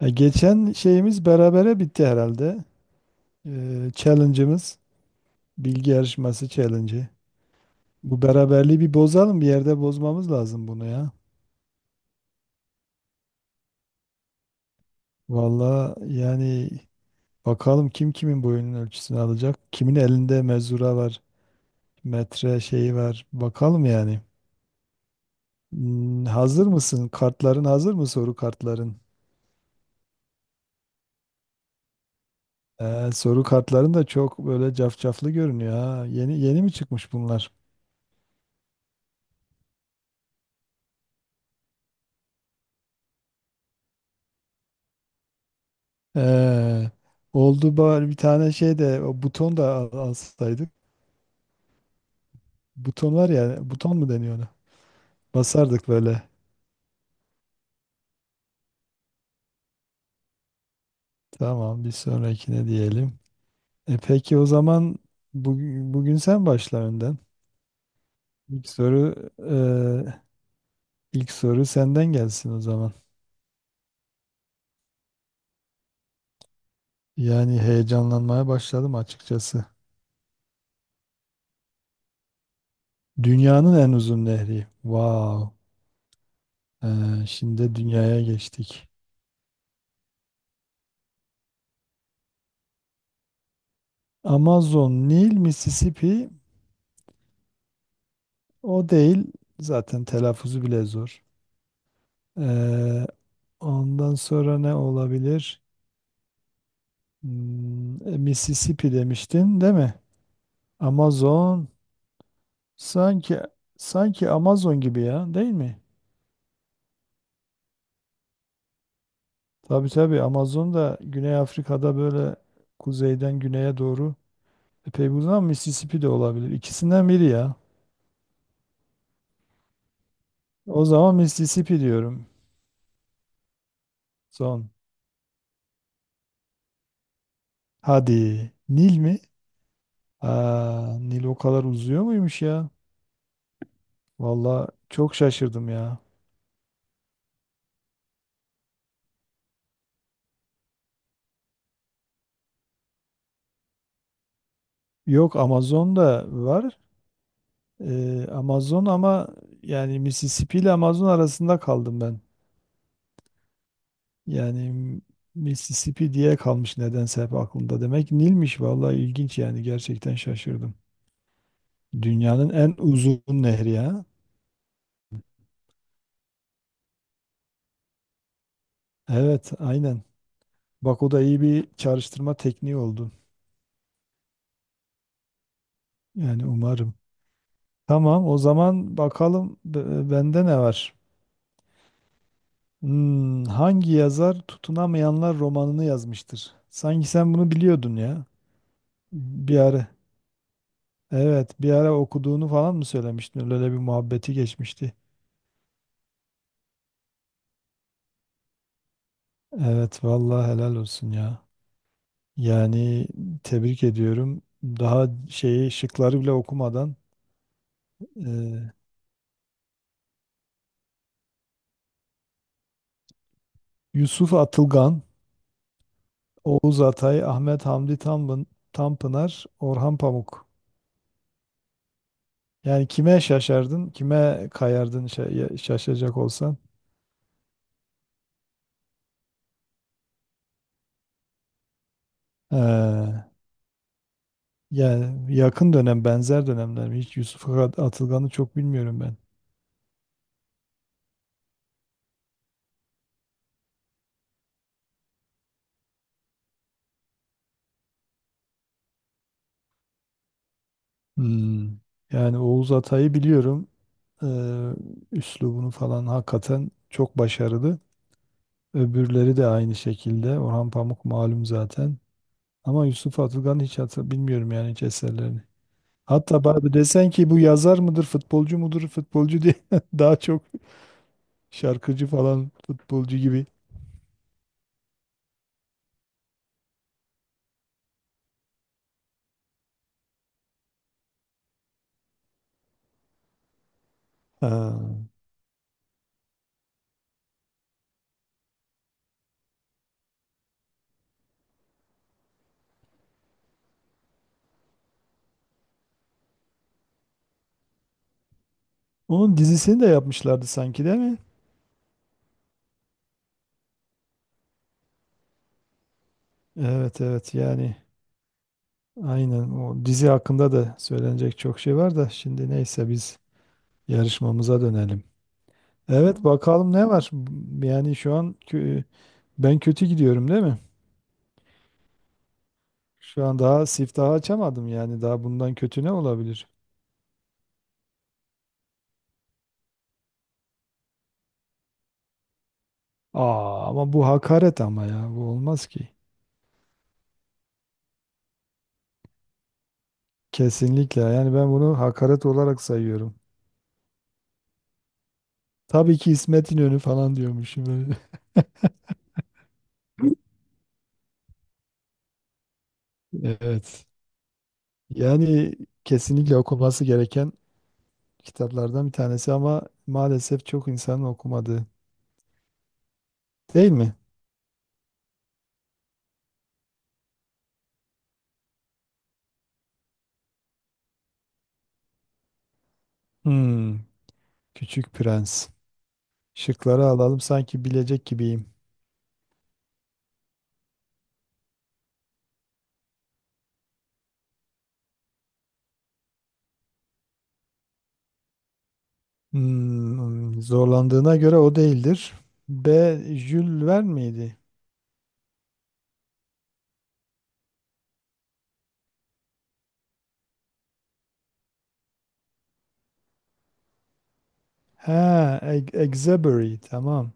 Geçen şeyimiz berabere bitti herhalde. Challenge'ımız, bilgi yarışması challenge'ı. Bu beraberliği bir bozalım, bir yerde bozmamız lazım bunu ya. Valla yani bakalım kim kimin boyunun ölçüsünü alacak. Kimin elinde mezura var, metre şeyi var. Bakalım yani. Hazır mısın? Kartların hazır mı, soru kartların? Soru kartların da çok böyle cafcaflı görünüyor ha. Yeni yeni mi çıkmış bunlar? Ee, Oldu bari bir tane şey de o buton da alsaydık. Buton var ya, buton mu deniyor ona? Basardık böyle. Tamam, bir sonrakine diyelim. E peki o zaman bugün sen başla önden. İlk soru ilk soru senden gelsin o zaman. Yani heyecanlanmaya başladım açıkçası. Dünyanın en uzun nehri. Wow. Şimdi de dünyaya geçtik. Amazon, Nil, Mississippi. O değil. Zaten telaffuzu bile zor. Ee, Ondan sonra ne olabilir? Mississippi demiştin, değil mi? Amazon. Sanki sanki Amazon gibi ya, değil mi? Tabii tabii, Amazon da Güney Afrika'da böyle kuzeyden güneye doğru epey uzun, ama Mississippi de olabilir. İkisinden biri ya. O zaman Mississippi diyorum. Son. Hadi. Nil mi? Aa, Nil o kadar uzuyor muymuş ya? Valla çok şaşırdım ya. Yok, Amazon'da var. Amazon ama yani Mississippi ile Amazon arasında kaldım ben. Yani Mississippi diye kalmış nedense hep aklımda. Demek Nil'miş, valla ilginç, yani gerçekten şaşırdım. Dünyanın en uzun nehri ya. Evet, aynen. Bak, o da iyi bir çağrıştırma tekniği oldu. Yani umarım. Tamam, o zaman bakalım, bende ne var? Hangi yazar Tutunamayanlar romanını yazmıştır? Sanki sen bunu biliyordun ya. Bir ara. Evet, bir ara okuduğunu falan mı söylemiştin? Öyle bir muhabbeti geçmişti. Evet, vallahi helal olsun ya. Yani tebrik ediyorum. Daha şeyi, şıkları bile okumadan e, Yusuf Atılgan, Oğuz Atay, Ahmet Hamdi Tanpınar, Orhan Pamuk. Yani kime şaşardın, kime kayardın şaşacak olsan? Ee, Yani yakın dönem, benzer dönemler mi? Hiç Yusuf Atılgan'ı çok bilmiyorum ben. Hmm. Yani Oğuz Atay'ı biliyorum. Ee, Üslubunu falan hakikaten çok başarılı. Öbürleri de aynı şekilde. Orhan Pamuk malum zaten. Ama Yusuf Atılgan hiç bilmiyorum yani, hiç eserlerini. Hatta bana desen ki bu yazar mıdır, futbolcu mudur, futbolcu diye daha çok şarkıcı falan, futbolcu gibi. Ha. Onun dizisini de yapmışlardı sanki, değil mi? Evet, evet, yani aynen, o dizi hakkında da söylenecek çok şey var da, şimdi neyse, biz yarışmamıza dönelim. Evet, bakalım ne var? Yani şu an ben kötü gidiyorum, değil mi? Şu an daha siftahı açamadım, yani daha bundan kötü ne olabilir? Aa, ama bu hakaret ama ya, bu olmaz ki. Kesinlikle, yani ben bunu hakaret olarak sayıyorum. Tabii ki İsmet İnönü falan diyormuşum. Evet. Yani kesinlikle okunması gereken kitaplardan bir tanesi, ama maalesef çok insanın okumadığı. Değil mi? Hmm, Küçük Prens. Şıkları alalım, sanki bilecek gibiyim. Zorlandığına göre o değildir. B. Jules Verne miydi? Ha, Exebury, tamam.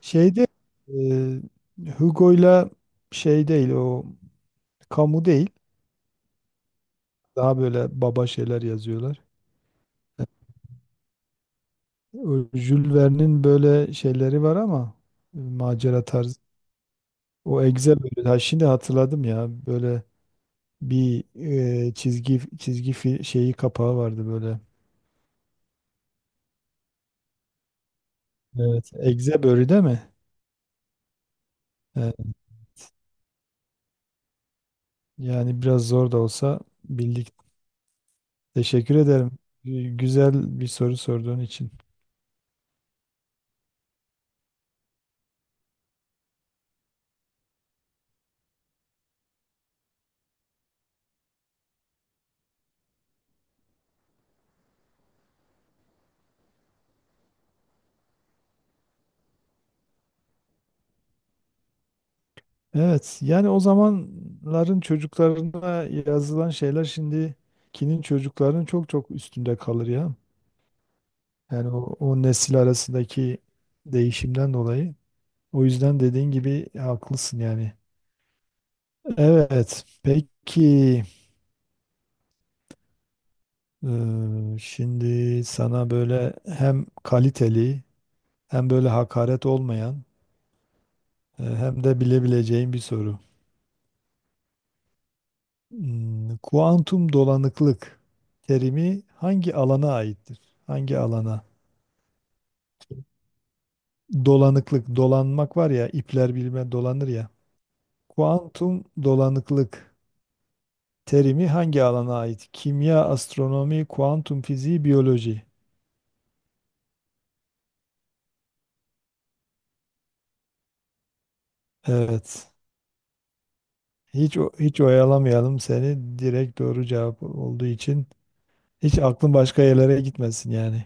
Şeyde Hugo'yla şey değil o, Camus değil. Daha böyle baba şeyler yazıyorlar. O Jules Verne'in böyle şeyleri var ama macera tarzı. O Excel böyle. Ha, şimdi hatırladım ya. Böyle bir çizgi çizgi şeyi, kapağı vardı böyle. Evet. Egze börü, değil mi? Evet. Yani biraz zor da olsa bildik. Teşekkür ederim. Güzel bir soru sorduğun için. Evet. Yani o zamanların çocuklarına yazılan şeyler, şimdikinin çocuklarının çok çok üstünde kalır ya. Yani o nesil arasındaki değişimden dolayı. O yüzden dediğin gibi haklısın yani. Evet. Peki şimdi sana böyle hem kaliteli, hem böyle hakaret olmayan, hem de bilebileceğin bir soru. Kuantum dolanıklık terimi hangi alana aittir? Hangi alana? Dolanıklık, dolanmak var ya, ipler bilme dolanır ya. Kuantum dolanıklık terimi hangi alana ait? Kimya, astronomi, kuantum fiziği, biyoloji. Evet. Hiç hiç oyalamayalım seni. Direkt doğru cevap olduğu için hiç aklın başka yerlere gitmesin yani.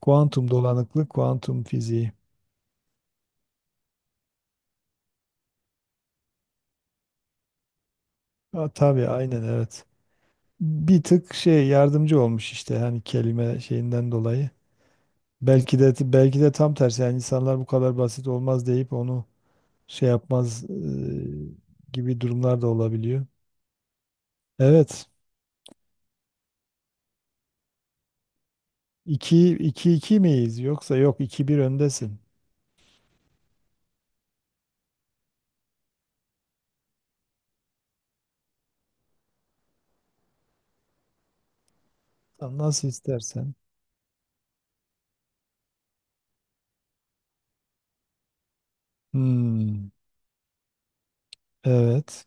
Kuantum dolanıklık, kuantum fiziği. Ha, tabii, aynen, evet. Bir tık şey yardımcı olmuş işte, hani kelime şeyinden dolayı. Belki de tam tersi, yani insanlar bu kadar basit olmaz deyip onu şey yapmaz gibi durumlar da olabiliyor. Evet. 2 2 2 miyiz, yoksa yok, iki bir öndesin. Tam nasıl istersen. Hmm, evet.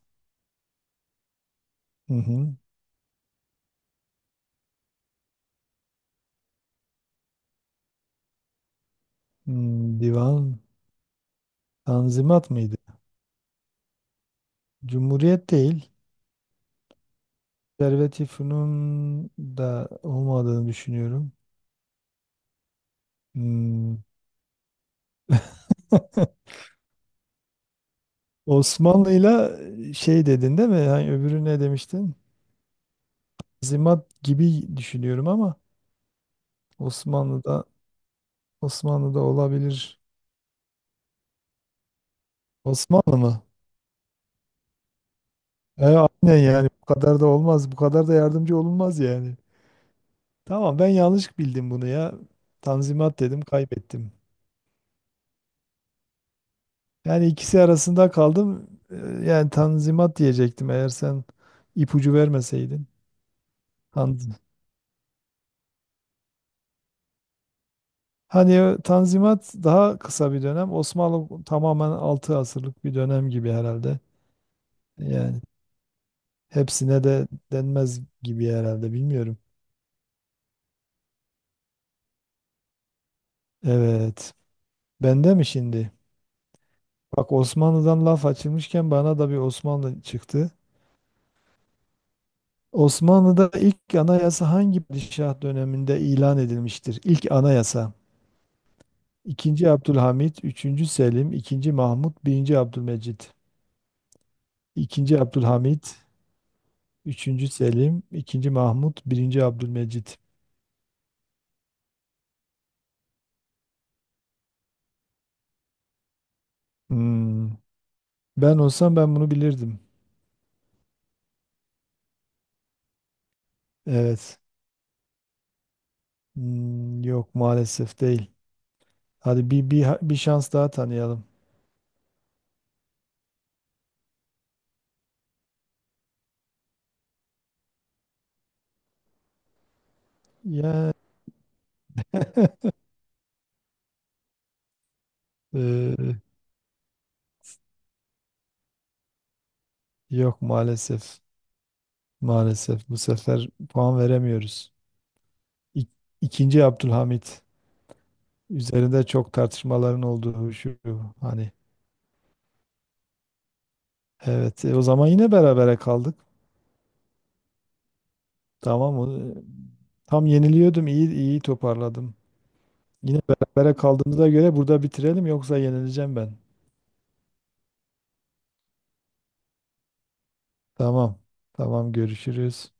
Hı hı. Hmm, divan Tanzimat mıydı? Cumhuriyet değil. Konservatifunun da olmadığını düşünüyorum. Hmm. Osmanlı'yla şey dedin, değil mi? Yani öbürü ne demiştin? Tanzimat gibi düşünüyorum ama Osmanlı'da Osmanlı'da olabilir. Osmanlı mı? E, aynen, yani bu kadar da olmaz. Bu kadar da yardımcı olunmaz yani. Tamam, ben yanlış bildim bunu ya. Tanzimat dedim, kaybettim. Yani ikisi arasında kaldım. Yani Tanzimat diyecektim, eğer sen ipucu vermeseydin. Tanz- Hani o Tanzimat daha kısa bir dönem. Osmanlı tamamen 6 asırlık bir dönem gibi herhalde. Yani hepsine de denmez gibi herhalde, bilmiyorum. Evet. Bende mi şimdi? Bak, Osmanlı'dan laf açılmışken bana da bir Osmanlı çıktı. Osmanlı'da ilk anayasa hangi padişah döneminde ilan edilmiştir? İlk anayasa. İkinci Abdülhamit, üçüncü Selim, ikinci Mahmut, birinci Abdülmecit. İkinci Abdülhamit, üçüncü Selim, ikinci Mahmut, birinci Abdülmecit. Hmm. Ben olsam ben bunu bilirdim. Evet. Yok maalesef, değil. Hadi bir şans daha tanıyalım. Ya, Ee, yok maalesef. Maalesef bu sefer puan veremiyoruz. İk- İkinci Abdülhamit. Üzerinde çok tartışmaların olduğu şu, hani. Evet, o zaman yine berabere kaldık. Tamam, tam yeniliyordum, iyi iyi toparladım. Yine berabere kaldığımıza göre burada bitirelim, yoksa yenileceğim ben. Tamam, tamam, görüşürüz.